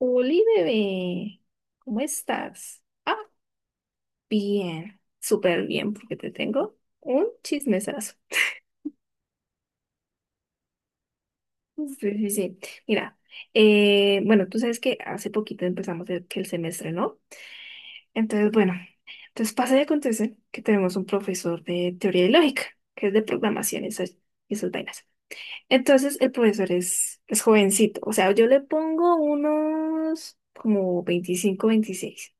Oli, bebé, ¿cómo estás? Ah, bien, súper bien, porque te tengo un chismesazo. Sí, sí, sí. Mira, bueno, tú sabes que hace poquito empezamos que el semestre, ¿no? Entonces, bueno, entonces pasa y acontece que tenemos un profesor de teoría y lógica, que es de programación y esas vainas. Entonces, el profesor es jovencito, o sea, yo le pongo unos como 25, 26.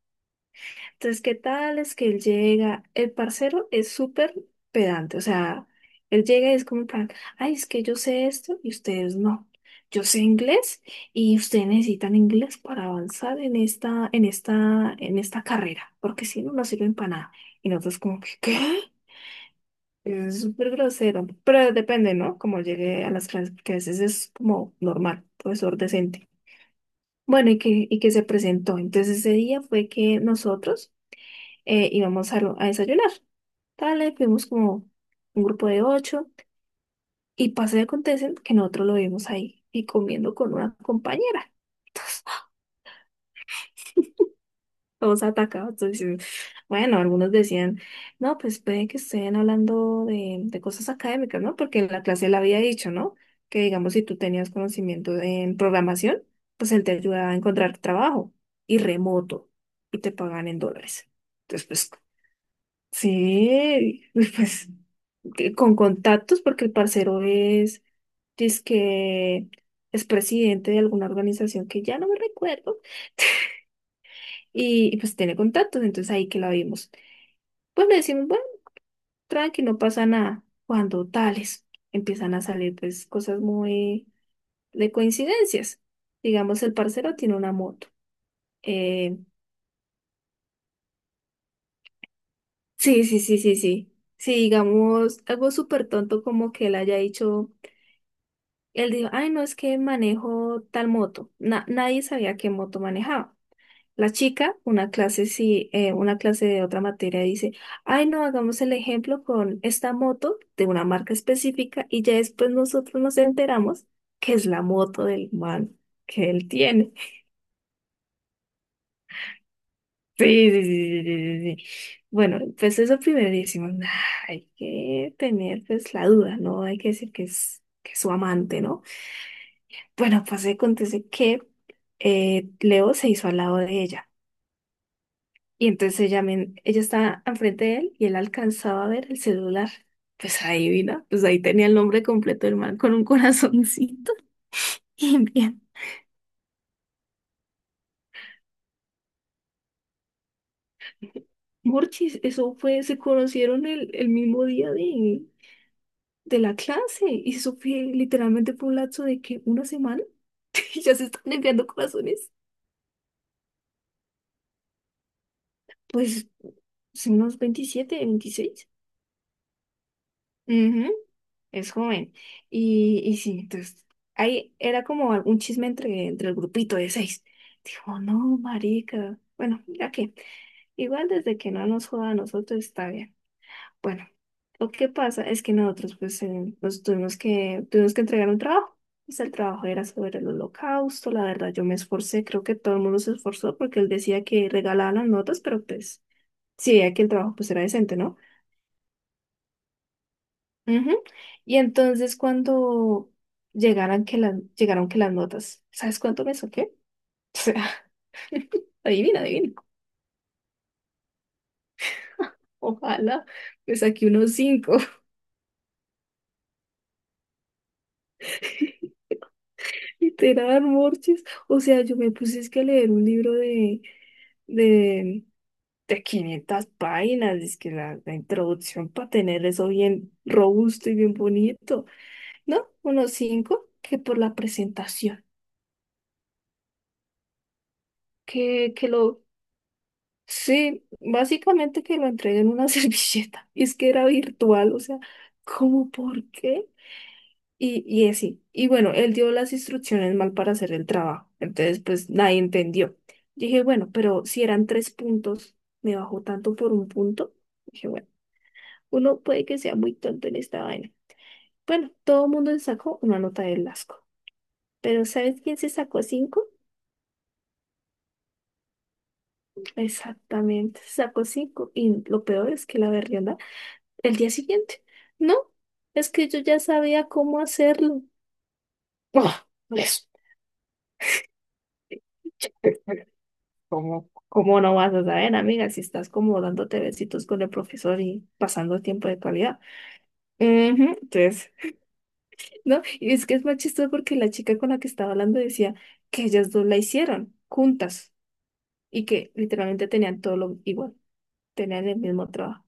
Entonces, ¿qué tal? Es que él llega, el parcero es súper pedante, o sea, él llega y es como en plan, ay, es que yo sé esto y ustedes no. Yo sé inglés y ustedes necesitan inglés para avanzar en esta carrera, porque si no, no sirven para nada. Y nosotros como que, ¿qué? Es súper grosero, pero depende, ¿no? Como llegue a las clases, porque a veces es como normal, profesor decente. Bueno, y que se presentó. Entonces ese día fue que nosotros íbamos a desayunar. Dale, fuimos como un grupo de ocho y pasa y acontece que nosotros lo vimos ahí y comiendo con una compañera. Entonces, todos atacados. Entonces, bueno, algunos decían, no, pues puede que estén hablando de cosas académicas, ¿no? Porque en la clase le había dicho, ¿no? Que digamos, si tú tenías conocimiento en programación, pues él te ayudaba a encontrar trabajo y remoto y te pagan en dólares. Entonces, pues, sí, pues. Que- con contactos, porque el parcero es, que es presidente de alguna organización que ya no me recuerdo, y pues tiene contactos, entonces ahí que la vimos. Pues le decimos, bueno, tranqui, no pasa nada. Cuando tales empiezan a salir pues cosas muy de coincidencias. Digamos, el parcero tiene una moto. Eh, sí, sí, sí, sí, sí. Sí, digamos, algo súper tonto como que él haya dicho. Él dijo, ay, no, es que manejo tal moto. Na- nadie sabía qué moto manejaba. La chica, una clase, sí, una clase de otra materia, dice, ay, no, hagamos el ejemplo con esta moto de una marca específica y ya después nosotros nos enteramos que es la moto del man que él tiene. Sí, sí, sí, sí, sí, sí, sí. Bueno, pues eso primero decimos, "Nah, hay que tener pues la duda, ¿no? Hay que decir que es, su amante, ¿no? Bueno, pues acontece que Leo se hizo al lado de ella y entonces ella estaba enfrente de él y él alcanzaba a ver el celular. Pues adivina, pues ahí tenía el nombre completo del man con un corazoncito y bien. Morchis, eso fue, se conocieron el mismo día de la clase y eso fue literalmente por un lapso de que una semana y ya se están enviando corazones. Pues son unos 27 26. Ujú. Es joven. Y sí, entonces ahí era como algún chisme entre el grupito de seis. Dijo, no, marica. Bueno, ya que igual desde que no nos joda a nosotros está bien. Bueno, lo que pasa es que nosotros pues nos tuvimos que entregar un trabajo. Pues el trabajo era sobre el holocausto, la verdad yo me esforcé, creo que todo el mundo se esforzó porque él decía que regalaban las notas, pero pues sí, veía que el trabajo pues era decente, ¿no? Ujú. Y entonces cuando llegaran que las, llegaron que las notas, ¿sabes cuánto me saqué? O sea, adivina, adivina. Ojalá, me saqué unos cinco. Literal, Morches. O sea, yo me puse es que a leer un libro de, de 500 páginas. Es que la introducción para tener eso bien robusto y bien bonito. ¿No? Unos cinco que por la presentación. Que lo sí, básicamente que lo entregué en una servilleta. Y es que era virtual, o sea, ¿cómo por qué? Y así. Y bueno, él dio las instrucciones mal para hacer el trabajo. Entonces, pues nadie entendió. Dije, bueno, pero si eran tres puntos, me bajó tanto por un punto. Dije, bueno, uno puede que sea muy tonto en esta vaina. Bueno, todo el mundo se sacó una nota del asco. Pero ¿sabes quién se sacó cinco? Exactamente, se sacó cinco. Y lo peor es que la verdad el día siguiente. No, es que yo ya sabía cómo hacerlo. Ah, pues, ¿cómo, ¿cómo no vas a saber, amiga, si estás como dándote besitos con el profesor y pasando tiempo de calidad? Ujú, entonces, ¿no? Y es que es más chistoso porque la chica con la que estaba hablando decía que ellas dos la hicieron juntas y que literalmente tenían todo lo igual, tenían el mismo trabajo.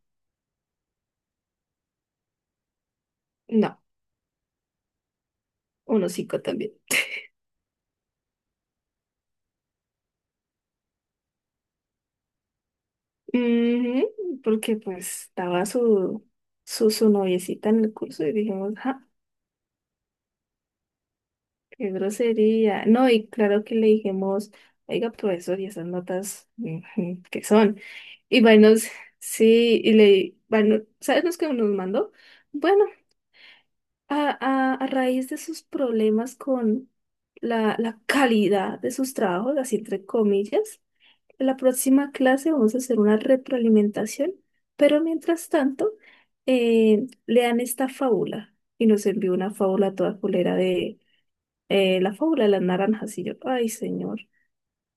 No, unos cinco también. Ujú, porque pues estaba su noviecita en el curso y dijimos, ja, qué grosería. No, y claro que le dijimos, oiga, profesor, ¿y esas notas ujú, qué son? Y bueno, sí, y le, bueno, ¿sabes los que nos mandó? Bueno, a raíz de sus problemas con la calidad de sus trabajos, así entre comillas, la próxima clase vamos a hacer una retroalimentación, pero mientras tanto, lean esta fábula y nos envió una fábula toda culera de la fábula de las naranjas y yo, ay señor,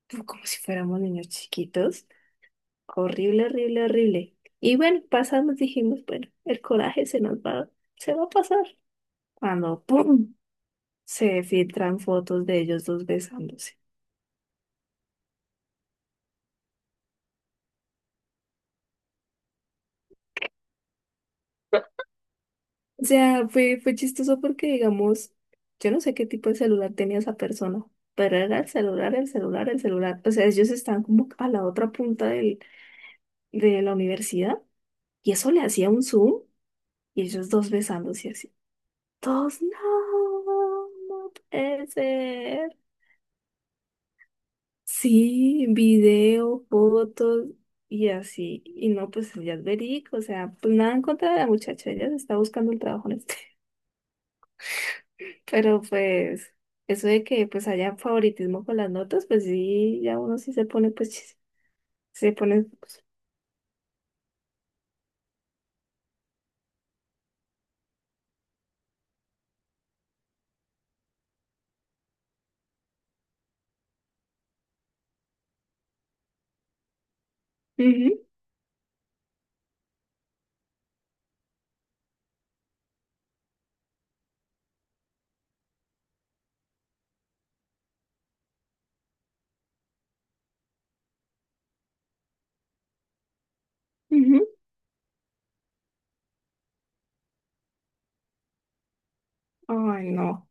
pues, como si fuéramos niños chiquitos, horrible, horrible, horrible. Y bueno, pasamos, dijimos, bueno, el coraje se nos va, se va a pasar. Cuando, ¡pum! Se filtran fotos de ellos dos besándose. O sea, fue, fue chistoso porque, digamos, yo no sé qué tipo de celular tenía esa persona, pero era el celular, el celular, el celular. O sea, ellos estaban como a la otra punta del, de la universidad y eso le hacía un zoom y ellos dos besándose así. Todos, no, no puede ser. Sí, video, fotos y así. Y no, pues ya es verídico. O sea, pues nada en contra de la muchacha, ella se está buscando el trabajo en este. Pero pues, eso de que pues haya favoritismo con las notas, pues sí, ya uno sí se pone, pues, chis- se pone, pues, ujú, ujú. Ay, no.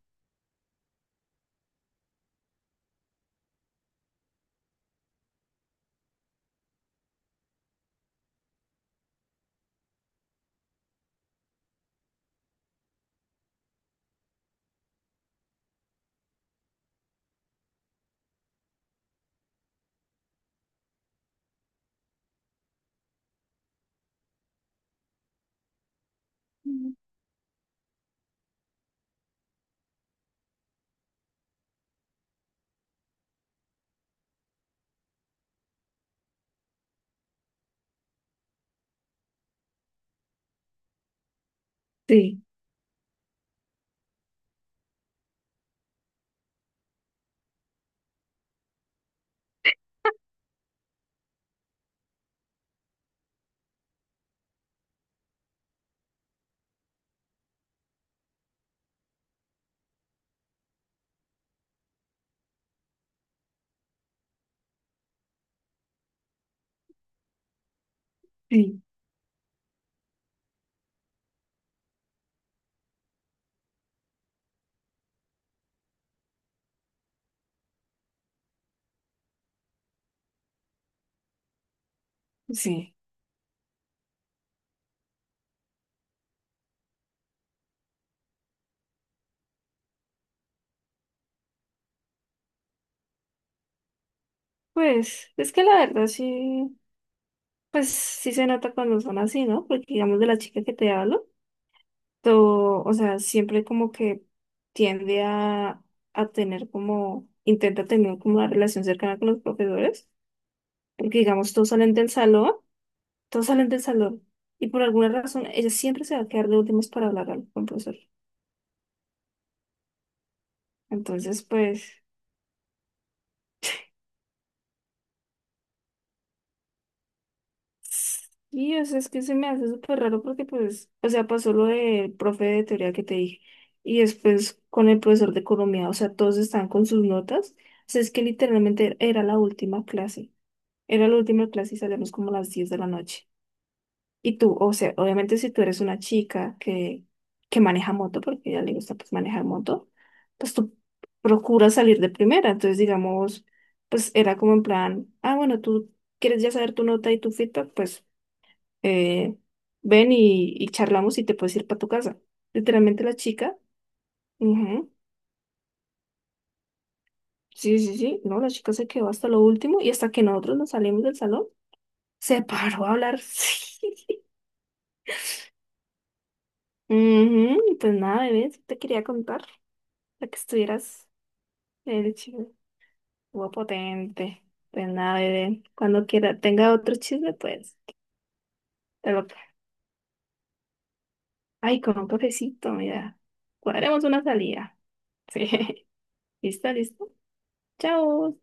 Sí, sí, sí. Pues, es que la verdad sí, pues sí se nota cuando son así, ¿no? Porque digamos de la chica que te hablo, todo, o sea, siempre como que tiende a tener como, intenta tener como una relación cercana con los profesores, porque digamos todos salen del salón. Todos salen del salón y por alguna razón ella siempre se va a quedar de últimas para hablar con el profesor. Entonces, pues, y o sea, es que se me hace súper raro porque, pues, o sea, pasó lo del profe de teoría que te dije y después con el profesor de economía, o sea, todos están con sus notas. O sea, es que literalmente era la última clase, era la última clase y salíamos como a las 10 de la noche. Y tú, o sea, obviamente si tú eres una chica que maneja moto, porque a ella le gusta pues manejar moto, pues tú procuras salir de primera. Entonces, digamos, pues era como en plan, ah, bueno, tú quieres ya saber tu nota y tu feedback, pues eh, ven y charlamos y te puedes ir para tu casa. Literalmente la chica, ujú, sí, sí, sí, no, la chica se quedó hasta lo último y hasta que nosotros nos salimos del salón, se paró a hablar. Sí, sí. Ujú, pues nada, bebé, eso te quería contar. Para que estuvieras, el chisme estuvo potente. Pues nada, bebé, cuando quiera, tenga otro chisme, pues, te lo- ay, con un cafecito, mira, cuadremos una salida. Sí, listo, listo. Chao.